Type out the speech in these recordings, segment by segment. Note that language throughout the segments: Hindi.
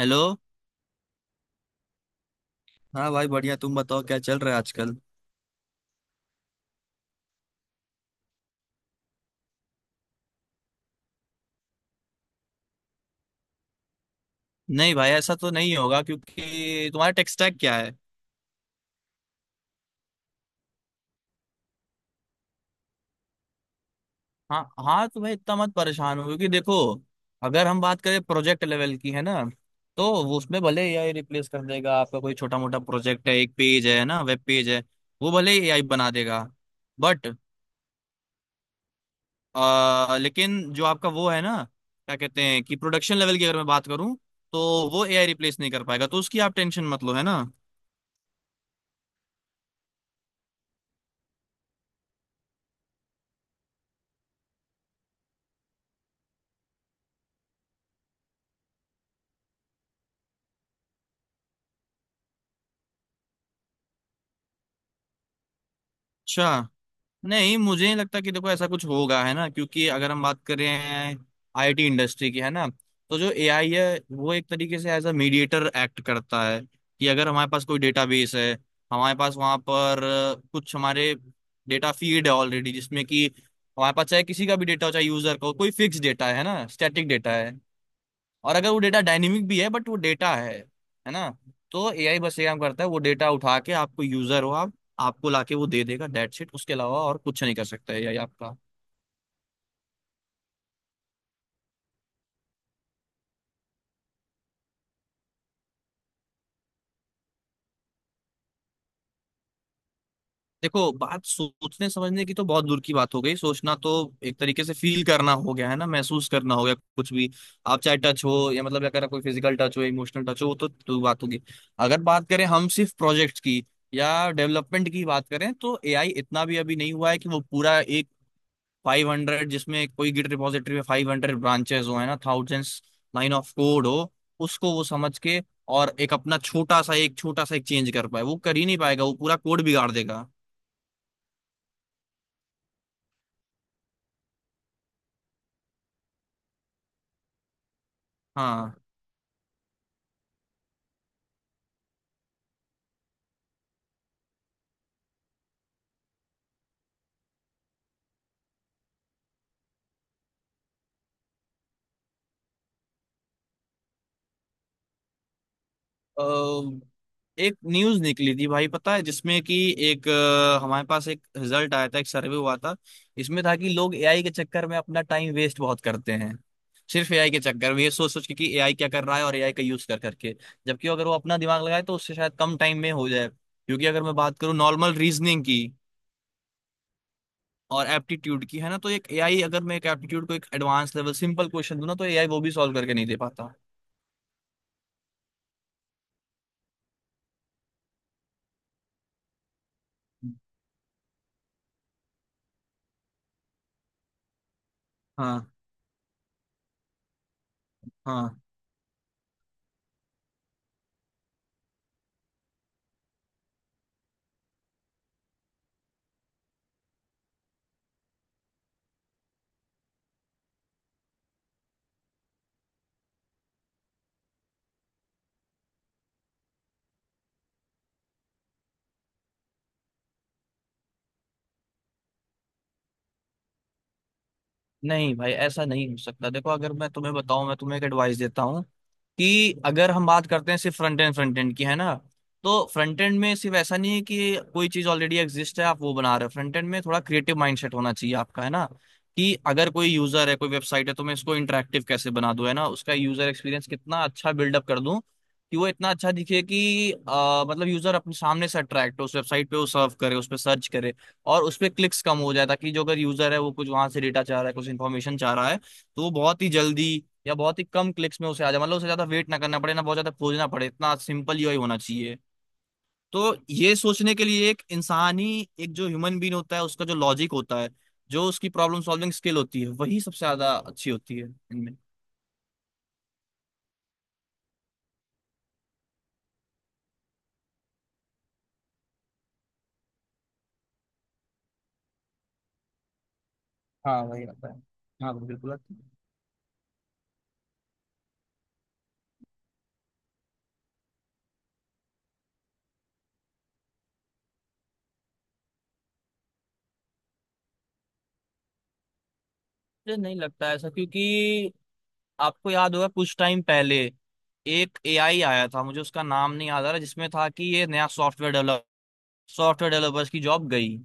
हेलो। हाँ भाई बढ़िया, तुम बताओ क्या चल रहा है आजकल। नहीं भाई, ऐसा तो नहीं होगा क्योंकि तुम्हारा टेक स्टैक क्या है? हाँ हाँ, तो भाई इतना मत परेशान हो क्योंकि देखो, अगर हम बात करें प्रोजेक्ट लेवल की, है ना, तो वो उसमें भले एआई रिप्लेस कर देगा। आपका कोई छोटा मोटा प्रोजेक्ट है, एक पेज है ना, वेब पेज है, वो भले एआई बना देगा। बट लेकिन जो आपका वो है ना, क्या कहते हैं, कि प्रोडक्शन लेवल की अगर मैं बात करूं, तो वो एआई रिप्लेस नहीं कर पाएगा, तो उसकी आप टेंशन मत लो, है ना। अच्छा। नहीं, मुझे नहीं लगता कि देखो ऐसा कुछ होगा, है ना, क्योंकि अगर हम बात कर रहे हैं आईटी इंडस्ट्री की, है ना, तो जो एआई है वो एक तरीके से एज अ मीडिएटर एक्ट करता है। कि अगर हमारे पास कोई डेटाबेस है, हमारे पास वहां पर कुछ हमारे डेटा फीड है ऑलरेडी, जिसमें कि हमारे पास चाहे किसी का भी डेटा हो, चाहे यूजर का हो, कोई फिक्स डेटा है ना, स्टैटिक डेटा है, और अगर वो डेटा डायनेमिक भी है बट वो डेटा है ना। तो एआई बस ये काम करता है, वो डेटा उठा के आपको यूजर हो आप, आपको लाके वो दे देगा डेट शीट। उसके अलावा और कुछ नहीं कर सकता एआई आपका। देखो, बात सोचने समझने की तो बहुत दूर की बात हो गई। सोचना तो एक तरीके से फील करना हो गया, है ना, महसूस करना हो गया कुछ भी। आप चाहे टच हो, या मतलब अगर कोई फिजिकल टच हो, इमोशनल टच हो, वो तो बात होगी। अगर बात करें हम सिर्फ प्रोजेक्ट की या डेवलपमेंट की बात करें, तो एआई इतना भी अभी नहीं हुआ है कि वो पूरा एक 500, जिसमें कोई गिट रिपॉजिटरी में 500 ब्रांचेस हो, है ना, थाउजेंड्स लाइन ऑफ कोड हो, उसको वो समझ के और एक अपना छोटा सा एक चेंज कर पाए, वो कर ही नहीं पाएगा, वो पूरा कोड बिगाड़ देगा। हाँ। अ, एक न्यूज निकली थी भाई, पता है, जिसमें कि एक हमारे पास एक रिजल्ट आया था, एक सर्वे हुआ था। इसमें था कि लोग एआई के चक्कर में अपना टाइम वेस्ट बहुत करते हैं। सिर्फ एआई के चक्कर में ये सोच सोच के कि एआई क्या कर रहा है, और एआई का यूज कर करके जबकि अगर वो अपना दिमाग लगाए तो उससे शायद कम टाइम में हो जाए, क्योंकि अगर मैं बात करूँ नॉर्मल रीजनिंग की और एप्टीट्यूड की, है ना, तो एक एआई, अगर मैं एक एप्टीट्यूड को एक एडवांस लेवल सिंपल क्वेश्चन दूं ना, तो एआई वो भी सॉल्व करके नहीं दे पाता। हाँ हाँ। नहीं भाई, ऐसा नहीं हो सकता। देखो, अगर मैं तुम्हें बताऊं, मैं तुम्हें एक एडवाइस देता हूं, कि अगर हम बात करते हैं सिर्फ फ्रंट एंड की, है ना, तो फ्रंट एंड में सिर्फ ऐसा नहीं है कि कोई चीज ऑलरेडी एग्जिस्ट है, आप वो बना रहे हो। फ्रंट एंड में थोड़ा क्रिएटिव माइंडसेट होना चाहिए आपका, है ना, कि अगर कोई यूजर है, कोई वेबसाइट है, तो मैं इसको इंटरेक्टिव कैसे बना दूं, है ना, उसका यूजर एक्सपीरियंस कितना अच्छा बिल्डअप कर दूं, कि वो इतना अच्छा दिखे कि मतलब यूजर अपने सामने से अट्रैक्ट हो, उस वेबसाइट पे वो सर्व करे, उस पर सर्च करे, और उसपे क्लिक्स कम हो जाए, ताकि जो अगर यूजर है, वो कुछ वहां से डेटा चाह रहा है, कुछ इन्फॉर्मेशन चाह रहा है, तो वो बहुत ही जल्दी या बहुत ही कम क्लिक्स में उसे आ जाए। मतलब उसे ज्यादा वेट ना करना पड़े, ना बहुत ज्यादा खोजना पड़े, इतना सिंपल यूआई होना चाहिए। तो ये सोचने के लिए एक इंसानी, एक जो ह्यूमन बीन होता है उसका जो लॉजिक होता है, जो उसकी प्रॉब्लम सॉल्विंग स्किल होती है, वही सबसे ज्यादा अच्छी होती है इनमें। हाँ वही होता है। हाँ बिल्कुल। अच्छा, मुझे नहीं लगता है ऐसा, क्योंकि आपको याद होगा कुछ टाइम पहले एक एआई आया था, मुझे उसका नाम नहीं याद आ रहा, जिसमें था कि ये नया सॉफ्टवेयर डेवलप, सॉफ्टवेयर डेवलपर्स की जॉब गई,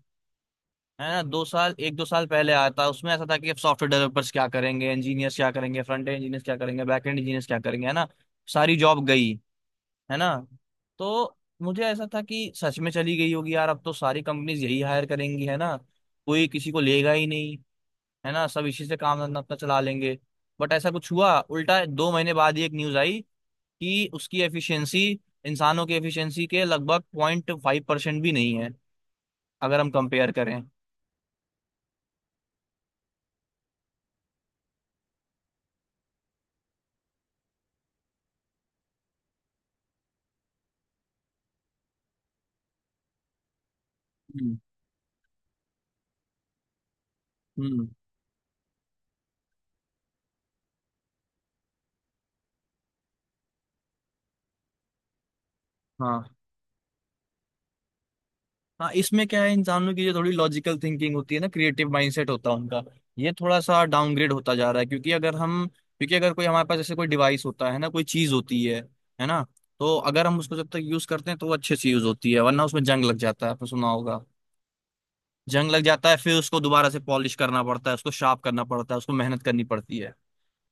है ना, 2 साल, एक दो साल पहले आया था। उसमें ऐसा था कि अब सॉफ्टवेयर डेवलपर्स क्या करेंगे, इंजीनियर्स क्या करेंगे, फ्रंट एंड इंजीनियर्स क्या करेंगे, बैक एंड इंजीनियर्स क्या करेंगे, है ना, सारी जॉब गई, है ना। तो मुझे ऐसा था कि सच में चली गई होगी यार, अब तो सारी कंपनीज यही हायर करेंगी, है ना, कोई किसी को लेगा ही नहीं, है ना, सब इसी से काम धंधा अपना चला लेंगे। बट ऐसा कुछ हुआ उल्टा, 2 महीने बाद ही एक न्यूज आई कि उसकी एफिशिएंसी इंसानों की एफिशिएंसी के लगभग 0.5% भी नहीं है, अगर हम कंपेयर करें। हम्म। हम्म। हाँ हाँ। इसमें क्या है, इंसानों की जो थोड़ी लॉजिकल थिंकिंग होती है ना, क्रिएटिव माइंडसेट होता है उनका, ये थोड़ा सा डाउनग्रेड होता जा रहा है, क्योंकि अगर कोई हमारे पास जैसे कोई डिवाइस होता है ना, कोई चीज होती है ना, तो अगर हम उसको जब तक यूज करते हैं तो वो अच्छे से यूज होती है, वरना उसमें जंग लग जाता है, आपने सुना होगा। जंग लग जाता है, फिर उसको दोबारा से पॉलिश करना पड़ता है, उसको शार्प करना पड़ता है, उसको मेहनत करनी पड़ती है।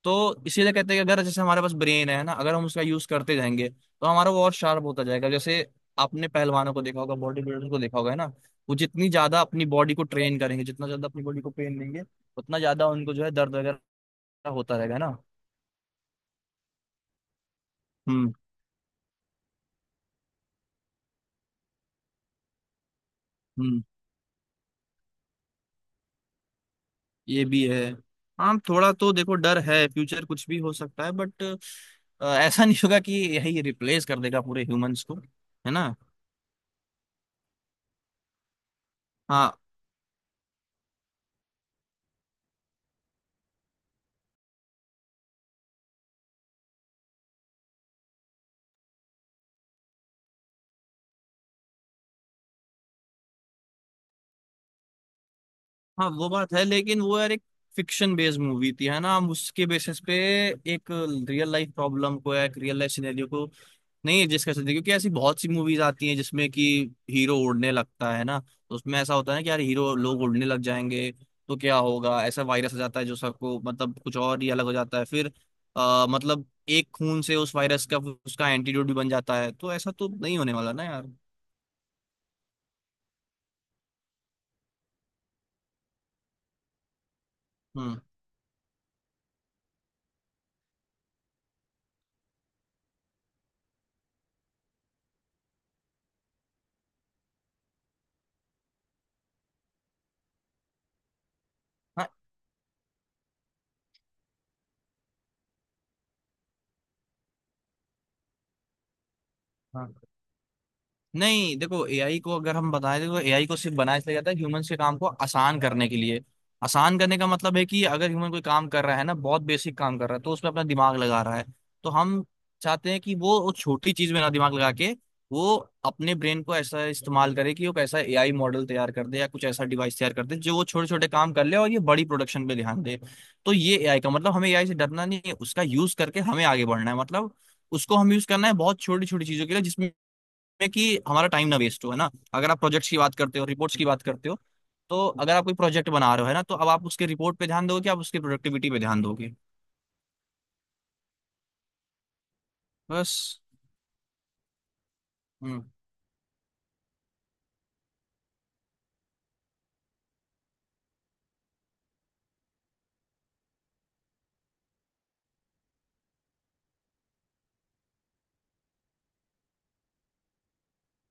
तो इसीलिए कहते हैं कि अगर जैसे हमारे पास ब्रेन है ना, अगर हम उसका यूज करते जाएंगे तो हमारा वो और शार्प होता जाएगा, जैसे आपने पहलवानों को देखा होगा, बॉडी बिल्डर्स को देखा होगा, है ना, वो जितनी ज्यादा अपनी बॉडी को ट्रेन करेंगे, जितना ज्यादा अपनी बॉडी को ट्रेन देंगे, उतना ज्यादा उनको जो है दर्द वगैरह होता रहेगा ना। हम्म। हम्म। ये भी है। हाँ, थोड़ा तो देखो डर है, फ्यूचर कुछ भी हो सकता है, बट ऐसा नहीं होगा कि यही रिप्लेस कर देगा पूरे ह्यूमंस को, है ना। हाँ। हाँ वो बात है, लेकिन वो यार एक फिक्शन बेस्ड मूवी थी, है ना, हम उसके बेसिस पे एक रियल लाइफ प्रॉब्लम को या एक रियल लाइफ सिनेरियो को नहीं एडजस्ट कर सकते, क्योंकि ऐसी बहुत सी मूवीज आती हैं जिसमें कि हीरो उड़ने लगता है ना, तो उसमें ऐसा होता है ना कि यार हीरो लोग उड़ने लग जाएंगे तो क्या होगा, ऐसा वायरस आ जाता है जो सबको मतलब कुछ और ही अलग हो जाता है फिर, मतलब एक खून से उस वायरस का उसका एंटीडोट भी बन जाता है, तो ऐसा तो नहीं होने वाला ना यार। हम्म। हाँ, नहीं देखो, एआई को अगर हम बताएं, देखो एआई को सिर्फ बनाया इसलिए जाता है ह्यूमंस के काम को आसान करने के लिए। आसान करने का मतलब है कि अगर ह्यूमन कोई काम कर रहा है ना, बहुत बेसिक काम कर रहा है, तो उसमें अपना दिमाग लगा रहा है, तो हम चाहते हैं कि वो उस छोटी चीज में ना दिमाग लगा के, वो अपने ब्रेन को ऐसा इस्तेमाल करे कि वो एक ऐसा एआई मॉडल तैयार कर दे या कुछ ऐसा डिवाइस तैयार कर दे जो वो छोटे छोटे काम कर ले और ये बड़ी प्रोडक्शन पे ध्यान दे। तो ये एआई का मतलब, हमें एआई से डरना नहीं है, उसका यूज करके हमें आगे बढ़ना है। मतलब उसको हम यूज करना है बहुत छोटी छोटी चीजों के लिए, जिसमें में कि हमारा टाइम ना वेस्ट हो, है ना। अगर आप प्रोजेक्ट्स की बात करते हो, रिपोर्ट्स की बात करते हो, तो अगर आप कोई प्रोजेक्ट बना रहे हो, है ना, तो अब आप उसके रिपोर्ट पे ध्यान दोगे, आप उसकी प्रोडक्टिविटी पे ध्यान दोगे। बस। हम्म।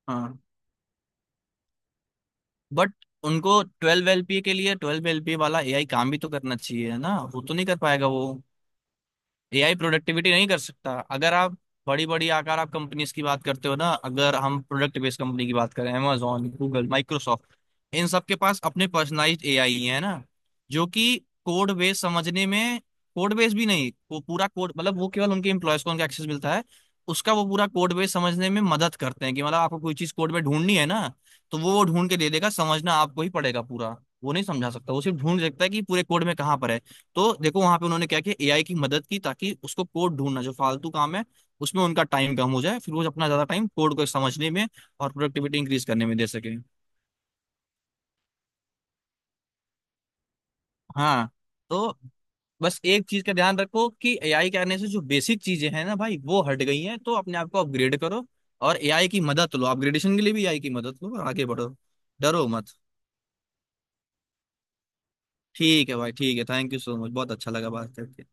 हाँ। बट उनको 12 LPA के लिए 12 LPA वाला एआई काम भी तो करना चाहिए, है ना, वो तो नहीं कर पाएगा वो। एआई प्रोडक्टिविटी नहीं कर सकता। अगर आप बड़ी बड़ी आकार आप कंपनीज की बात करते हो ना, अगर हम प्रोडक्ट बेस्ड कंपनी की बात करें, amazon गूगल माइक्रोसॉफ्ट, इन सब के पास अपने पर्सनलाइज्ड एआई है ना, जो कि कोड बेस समझने में, कोड बेस भी नहीं, वो पूरा कोड, मतलब वो केवल उनके एम्प्लॉयज को उनका एक्सेस मिलता है, उसका वो पूरा कोड बेस समझने में मदद करते हैं, कि मतलब आपको कोई चीज कोड में ढूंढनी है ना, तो वो ढूंढ के दे देगा, समझना आपको ही पड़ेगा पूरा, वो नहीं समझा सकता, वो सिर्फ ढूंढ सकता है कि पूरे कोड में कहाँ पर है। तो देखो वहां पे उन्होंने क्या किया, एआई की मदद की, ताकि उसको कोड ढूंढना जो फालतू काम है, उसमें उनका टाइम कम हो जाए, फिर वो अपना ज्यादा टाइम कोड को समझने में और प्रोडक्टिविटी इंक्रीज करने में दे सके। हाँ। तो बस एक चीज का ध्यान रखो कि एआई के आने से जो बेसिक चीजें हैं ना भाई, वो हट गई हैं, तो अपने आप को अपग्रेड करो, और एआई की मदद लो, अपग्रेडेशन के लिए भी एआई की मदद लो और आगे बढ़ो। डरो मत। ठीक है भाई। ठीक है, थैंक यू सो मच, बहुत अच्छा लगा बात करके।